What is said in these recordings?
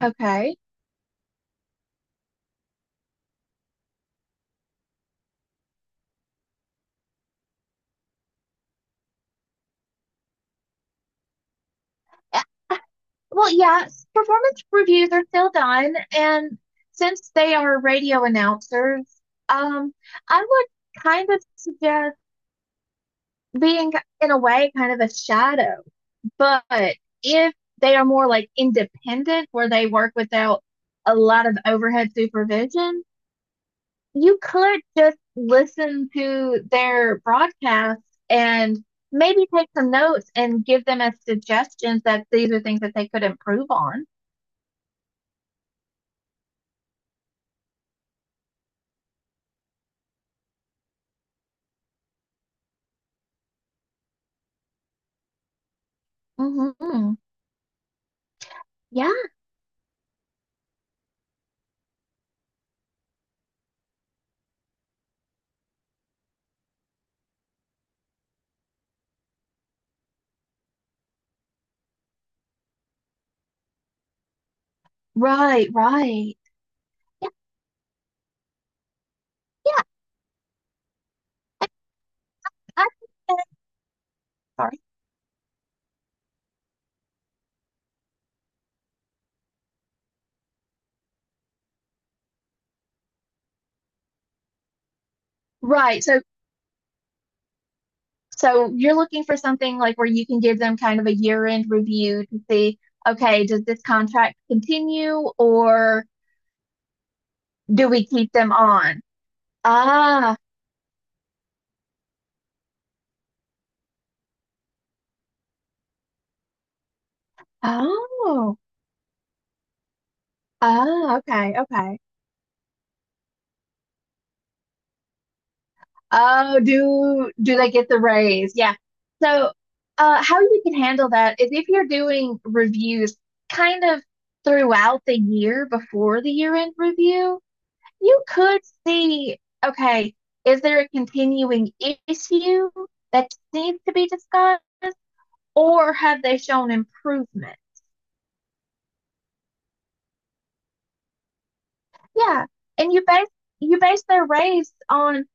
Okay. Uh, yeah, performance reviews are still done, and since they are radio announcers, um, I would kind of suggest being, in a way, kind of a shadow. But if they are more like independent, where they work without a lot of overhead supervision, you could just listen to their broadcast and maybe take some notes and give them as suggestions that these are things that they could improve on. Hmm. Yeah, right, right. Yeah, yeah. I think sorry. Right. So you're looking for something like where you can give them kind of a year-end review to see, okay, does this contract continue or do we keep them on? Ah, oh, ah, okay, okay. Oh, do they get the raise? Yeah. So, how you can handle that is if you're doing reviews kind of throughout the year before the year-end review, you could see, okay, is there a continuing issue that needs to be discussed, or have they shown improvement? Yeah, and you base their raise on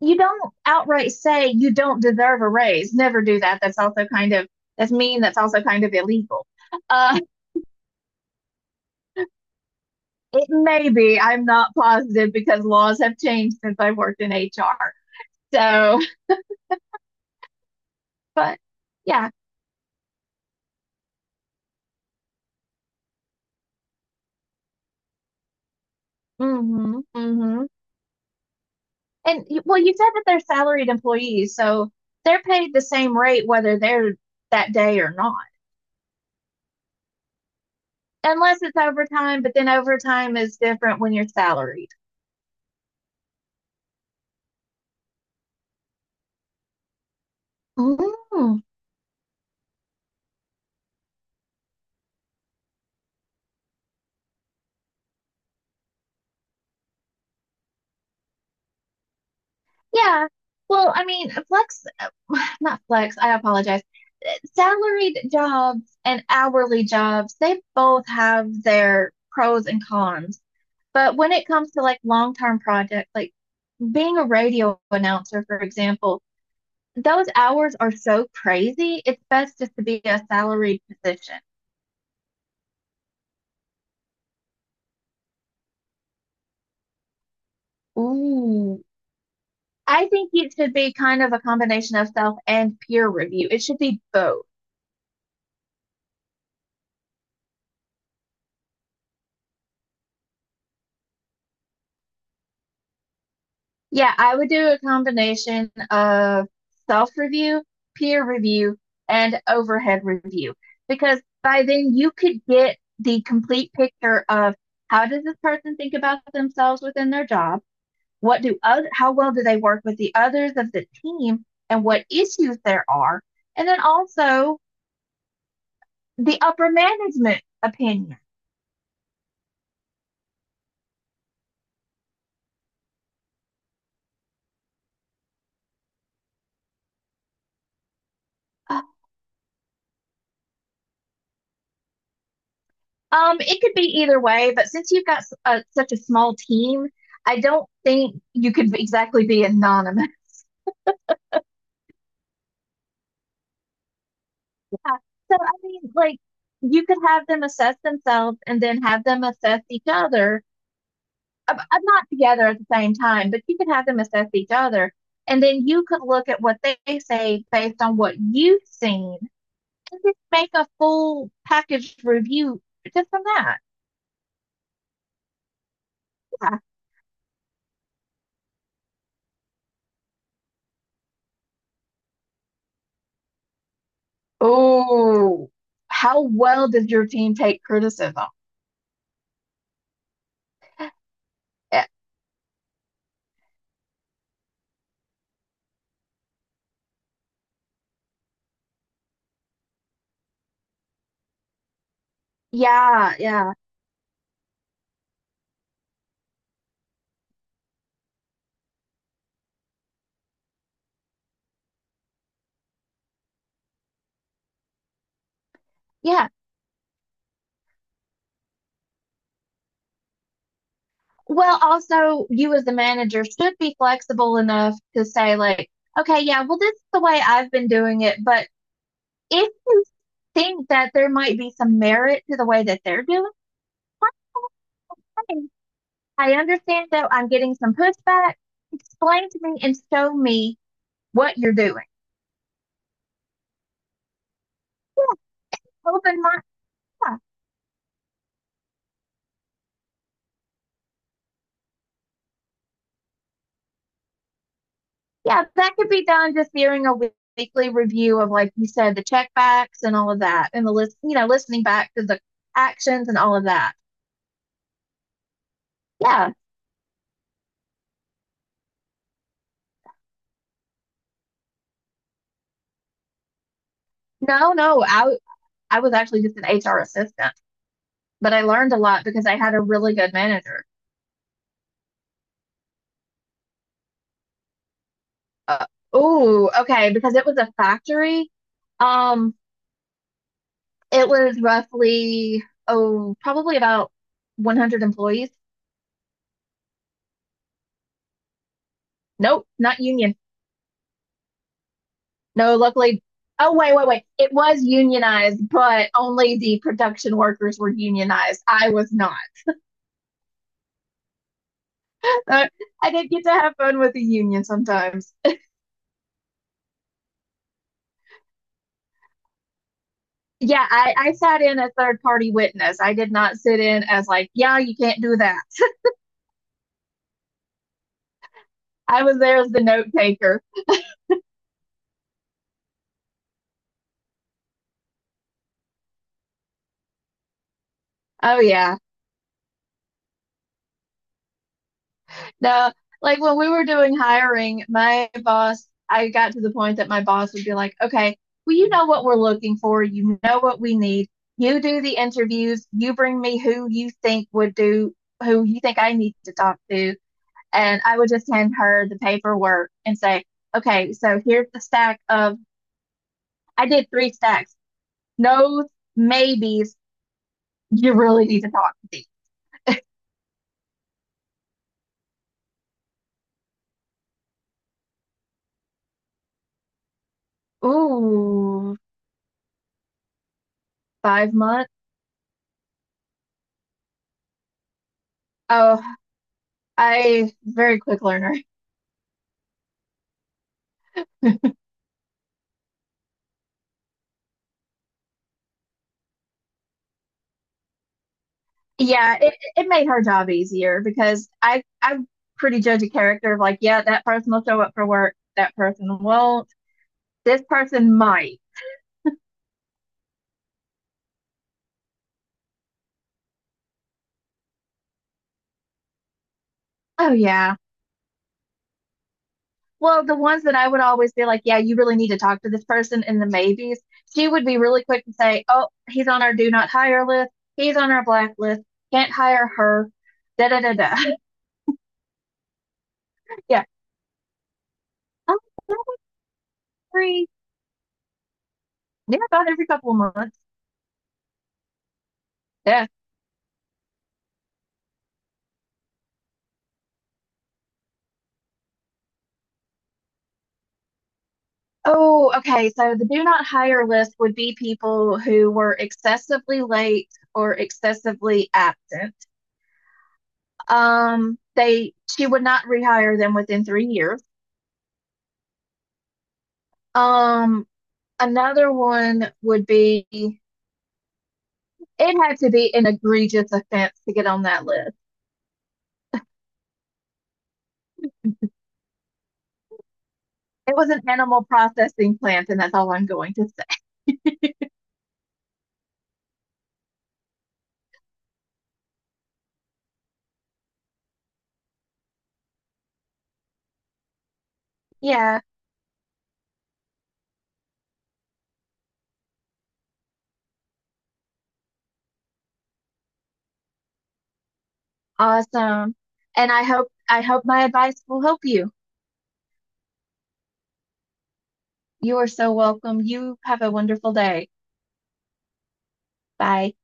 you don't outright say you don't deserve a raise. Never do that. That's mean. That's also kind of illegal. Uh, it may be. I'm not positive because laws have changed since I worked in HR. So, but yeah. Mm-hmm. Mm-hmm. And well, you said that they're salaried employees, so they're paid the same rate whether they're that day or not, unless it's overtime. But then overtime is different when you're salaried. Mm. Yeah. Well, I mean, flex, Not flex, I apologize. Salaried jobs and hourly jobs, they both have their pros and cons. But when it comes to like long-term projects, like being a radio announcer, for example, those hours are so crazy. It's best just to be a salaried position. Ooh. I think it should be kind of a combination of self and peer review. It should be both. Yeah, I would do a combination of self-review, peer review, and overhead review because by then you could get the complete picture of how does this person think about themselves within their job? How well do they work with the others of the team and what issues there are? And then also the upper management opinion. It could be either way, but since you've got such a small team, I don't think you could exactly be anonymous. Yeah. So, I mean, like, you could have them assess themselves and then have them assess each other. Not together at the same time, but you could have them assess each other. And then you could look at what they say based on what you've seen and just make a full package review just from that. Yeah. Oh, how well does your team take criticism? Yeah, yeah, yeah. Well, also, you as the manager should be flexible enough to say, like, okay, yeah, well, this is the way I've been doing it, but if you think that there might be some merit to the way that they're doing it, fine. I understand that I'm getting some pushback. Explain to me and show me what you're doing. Open my, Yeah, yeah, that could be done just during a weekly review of, like you said, the checkbacks and all of that, and the listening back to the actions and all of that. Yeah. No, no. I was actually just an HR assistant, but I learned a lot because I had a really good manager. Uh, oh, okay, because it was a factory. Um, it was roughly oh, probably about 100 employees. Nope, not union. No, luckily. Oh, wait, wait, wait. It was unionized, but only the production workers were unionized. I was not. I didn't get to have fun with the union sometimes. Yeah, I sat in as third party witness. I did not sit in as like, yeah, you can't do that. I was there as the note taker. Oh yeah. No, like when we were doing hiring, my boss, I got to the point that my boss would be like, okay, well, you know what we're looking for. You know what we need. You do the interviews. You bring me who you think would do, who you think I need to talk to. And I would just hand her the paperwork and say, okay, so here's the stack of, I did three stacks, no's, maybes. You really need to talk to me. Ooh, 5 months. Oh, I very quick learner. Yeah, it made her job easier because I pretty judge a character of like, yeah, that person will show up for work, that person won't, this person might. Oh yeah. Well, the ones that I would always be like, yeah, you really need to talk to this person in the maybes, she would be really quick to say, oh, he's on our do not hire list, he's on our blacklist, can't hire her, da da da da. Yeah. Oh, every, yeah, about every couple of months. Yeah. Oh, okay. So the do not hire list would be people who were excessively late or excessively absent. They She would not rehire them within 3 years. Um, Another one would be it had to be an egregious offense to get on that list. It was an animal processing plant, and that's all I'm going to say. Yeah, awesome. And I hope my advice will help you. You are so welcome. You have a wonderful day. Bye.